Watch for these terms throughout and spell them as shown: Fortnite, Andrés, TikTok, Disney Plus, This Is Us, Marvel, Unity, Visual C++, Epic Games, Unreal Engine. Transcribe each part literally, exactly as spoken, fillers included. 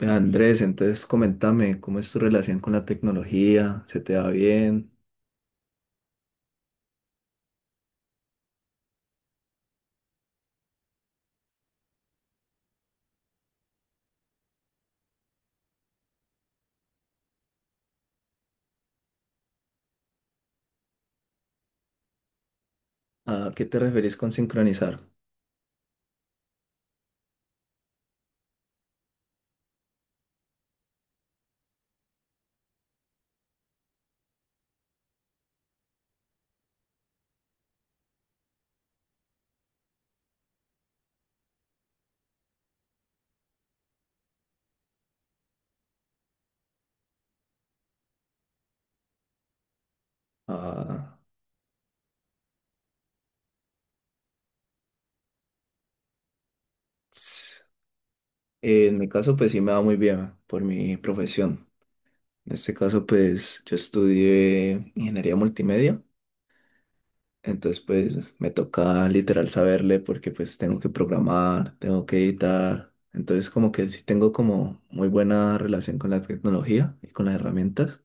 Ve, Andrés, entonces coméntame cómo es tu relación con la tecnología, ¿se te va bien? ¿A qué te referís con sincronizar? Ah, ts- en mi caso, pues sí me va muy bien por mi profesión. En este caso, pues yo estudié ingeniería multimedia, entonces pues me toca literal saberle porque pues tengo que programar, tengo que editar, entonces como que sí tengo como muy buena relación con la tecnología y con las herramientas.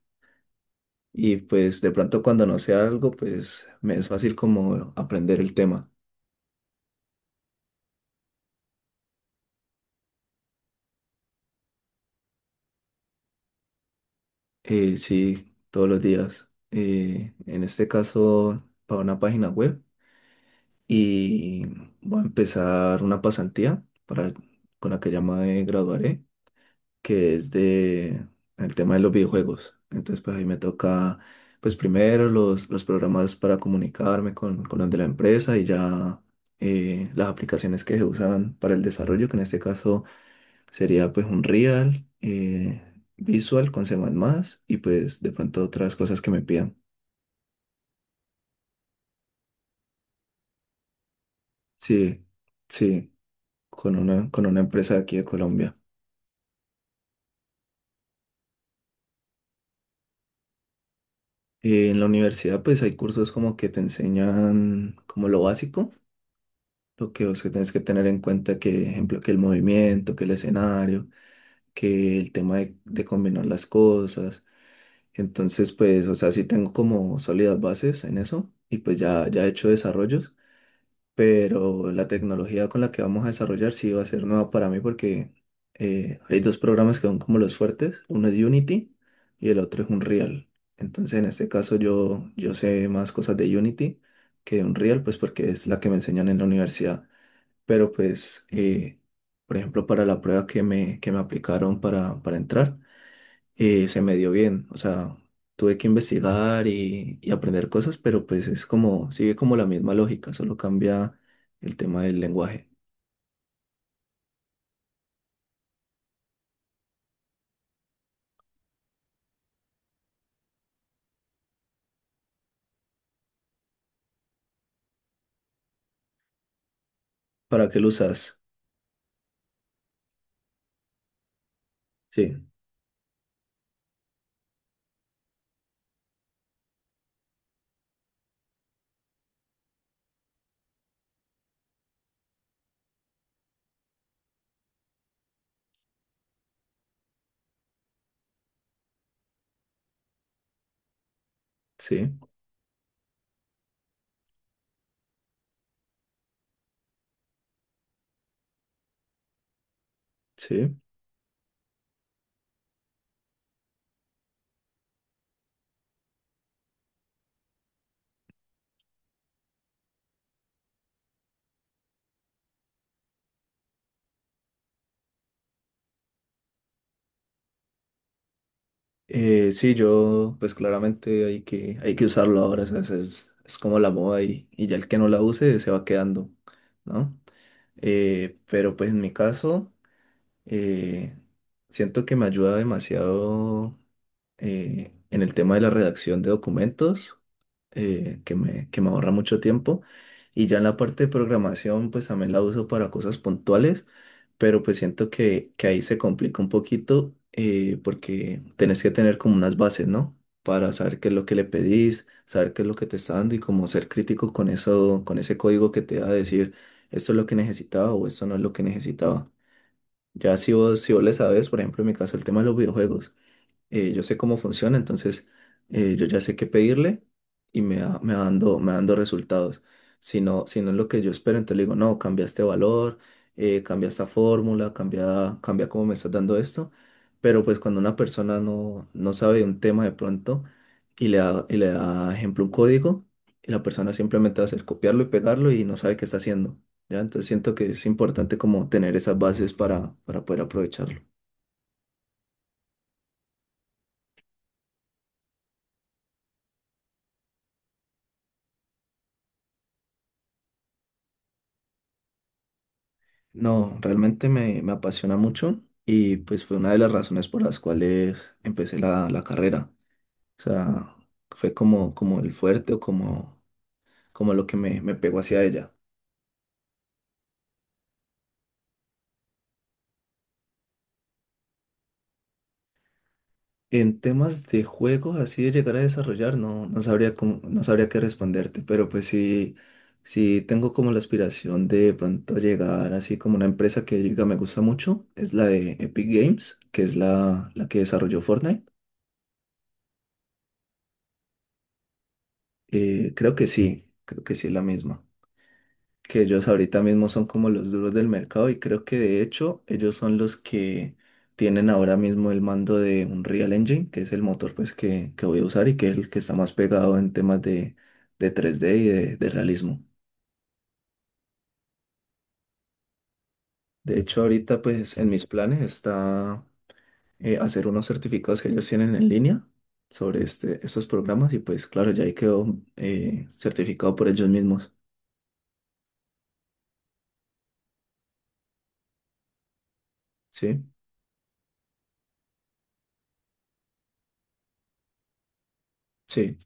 Y pues de pronto cuando no sé algo, pues me es fácil como aprender el tema. Eh, sí, todos los días. Eh, en este caso, para una página web. Y voy a empezar una pasantía para, con la que ya me graduaré, que es de el tema de los videojuegos. Entonces, pues ahí me toca, pues primero los, los programas para comunicarme con, con los de la empresa y ya eh, las aplicaciones que se usan para el desarrollo, que en este caso sería pues un Real, eh, Visual con C++ y pues de pronto otras cosas que me pidan. Sí, sí, con una, con una empresa de aquí de Colombia. Eh, en la universidad pues hay cursos como que te enseñan como lo básico, lo que, o sea, tienes que tener en cuenta que, ejemplo, que el movimiento, que el escenario, que el tema de, de combinar las cosas. Entonces pues, o sea, sí tengo como sólidas bases en eso y pues ya, ya he hecho desarrollos. Pero la tecnología con la que vamos a desarrollar sí va a ser nueva para mí porque eh, hay dos programas que son como los fuertes, uno es Unity y el otro es Unreal. Entonces en este caso yo, yo sé más cosas de Unity que de Unreal, pues porque es la que me enseñan en la universidad. Pero pues, eh, por ejemplo, para la prueba que me, que me aplicaron para, para entrar eh, se me dio bien. O sea, tuve que investigar y, y aprender cosas, pero pues es como, sigue como la misma lógica, solo cambia el tema del lenguaje. ¿Para qué lo usas? Sí, sí, sí. Eh, sí, yo, pues claramente hay que, hay que usarlo ahora, o sea, es, es- es como la moda y, y ya el que no la use se va quedando, ¿no? Eh, pero pues en mi caso... Eh, Siento que me ayuda demasiado eh, en el tema de la redacción de documentos, eh, que me, que me ahorra mucho tiempo. Y ya en la parte de programación, pues también la uso para cosas puntuales, pero pues siento que, que ahí se complica un poquito eh, porque tenés que tener como unas bases, ¿no? Para saber qué es lo que le pedís, saber qué es lo que te está dando y como ser crítico con eso, con ese código que te da a decir, esto es lo que necesitaba o esto no es lo que necesitaba. Ya si vos, si vos le sabes, por ejemplo, en mi caso, el tema de los videojuegos eh, yo sé cómo funciona, entonces eh, yo ya sé qué pedirle y me va, me va dando, me va dando resultados. Si no, si no es lo que yo espero, entonces le digo, no, cambia este valor, eh, cambia esta fórmula, cambia, cambia cómo me estás dando esto. Pero pues cuando una persona no, no sabe de un tema de pronto y le da, y le da ejemplo un código, y la persona simplemente va a hacer copiarlo y pegarlo y no sabe qué está haciendo. ¿Ya? Entonces siento que es importante como tener esas bases para, para poder aprovecharlo. No, realmente me, me apasiona mucho y pues fue una de las razones por las cuales empecé la, la carrera. O sea, fue como, como el fuerte o como, como lo que me, me pegó hacia ella. En temas de juegos, así de llegar a desarrollar, no, no sabría cómo- no sabría qué responderte, pero pues sí, sí tengo como la aspiración de pronto llegar así como una empresa que diga me gusta mucho, es la de Epic Games, que es la, la que desarrolló Fortnite. Eh, creo que sí, creo que sí es la misma. Que ellos ahorita mismo son como los duros del mercado y creo que de hecho ellos son los que tienen ahora mismo el mando de un Real Engine, que es el motor pues que, que voy a usar y que es el que está más pegado en temas de, de tres d y de, de realismo. De hecho ahorita pues en mis planes está eh, hacer unos certificados que ellos tienen en línea sobre este, estos programas y pues claro, ya ahí quedó eh, certificado por ellos mismos. Sí, sí,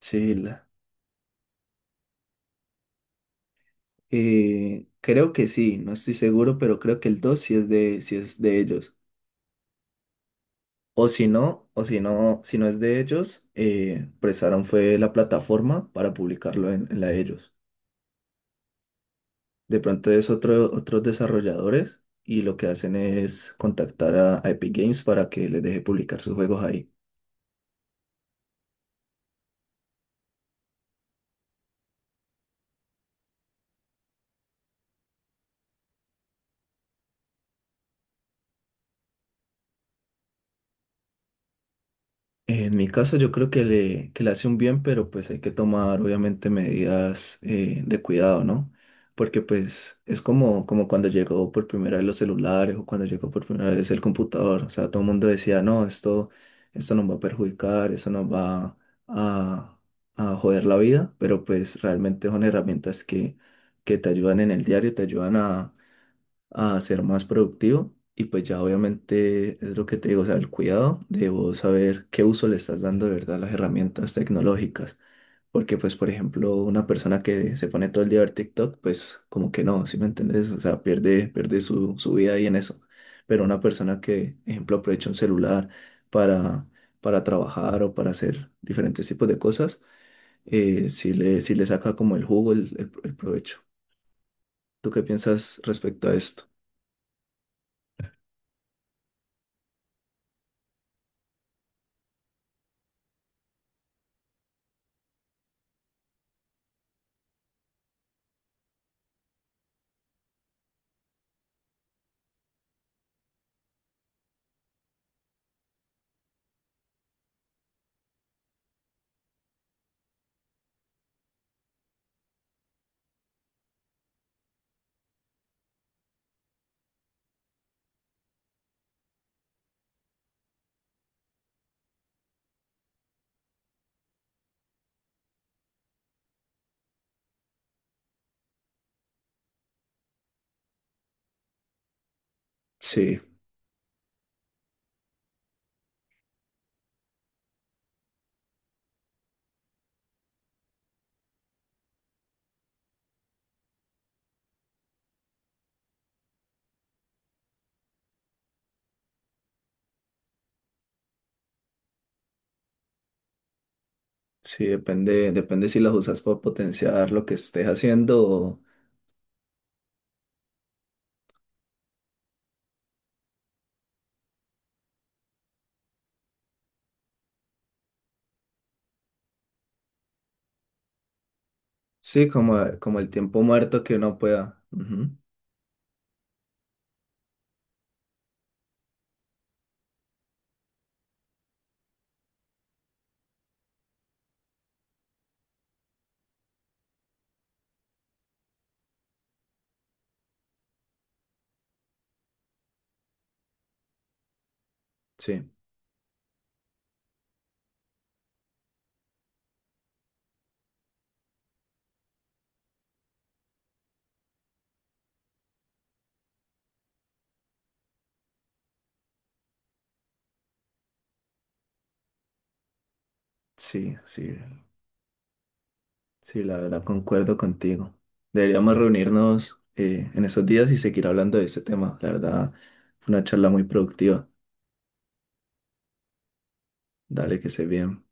sí. La- Eh, creo que sí, no estoy seguro, pero creo que el dos sí es de, sí es de ellos. O si no, o si no, si no es de ellos, eh, prestaron fue la plataforma para publicarlo en, en la de ellos. De pronto es otro, otros desarrolladores y lo que hacen es contactar a, a Epic Games para que les deje publicar sus juegos ahí. En mi caso yo creo que le, que le hace un bien, pero pues hay que tomar obviamente medidas eh, de cuidado, ¿no? Porque pues es como, como cuando llegó por primera vez los celulares o cuando llegó por primera vez el computador. O sea, todo el mundo decía, no, esto, esto nos va a perjudicar, eso nos va a, a joder la vida, pero pues realmente son herramientas que, que te ayudan en el diario, te ayudan a a ser más productivo. Y pues ya obviamente es lo que te digo, o sea, el cuidado de vos saber qué uso le estás dando de verdad a las herramientas tecnológicas. Porque pues, por ejemplo, una persona que se pone todo el día a ver TikTok, pues como que no, ¿sí me entendés? O sea, pierde, pierde su, su vida ahí en eso. Pero una persona que, ejemplo, aprovecha un celular para, para trabajar o para hacer diferentes tipos de cosas, eh, sí le, sí le saca como el jugo, el, el el provecho. ¿Tú qué piensas respecto a esto? Sí. Sí, depende, depende si las usas para potenciar lo que estés haciendo. o- Sí, como, como el tiempo muerto que uno pueda. Ujú, sí, sí, sí. Sí, la verdad concuerdo contigo. Deberíamos reunirnos eh, en esos días y seguir hablando de este tema. La verdad, fue una charla muy productiva. Dale, que se bien.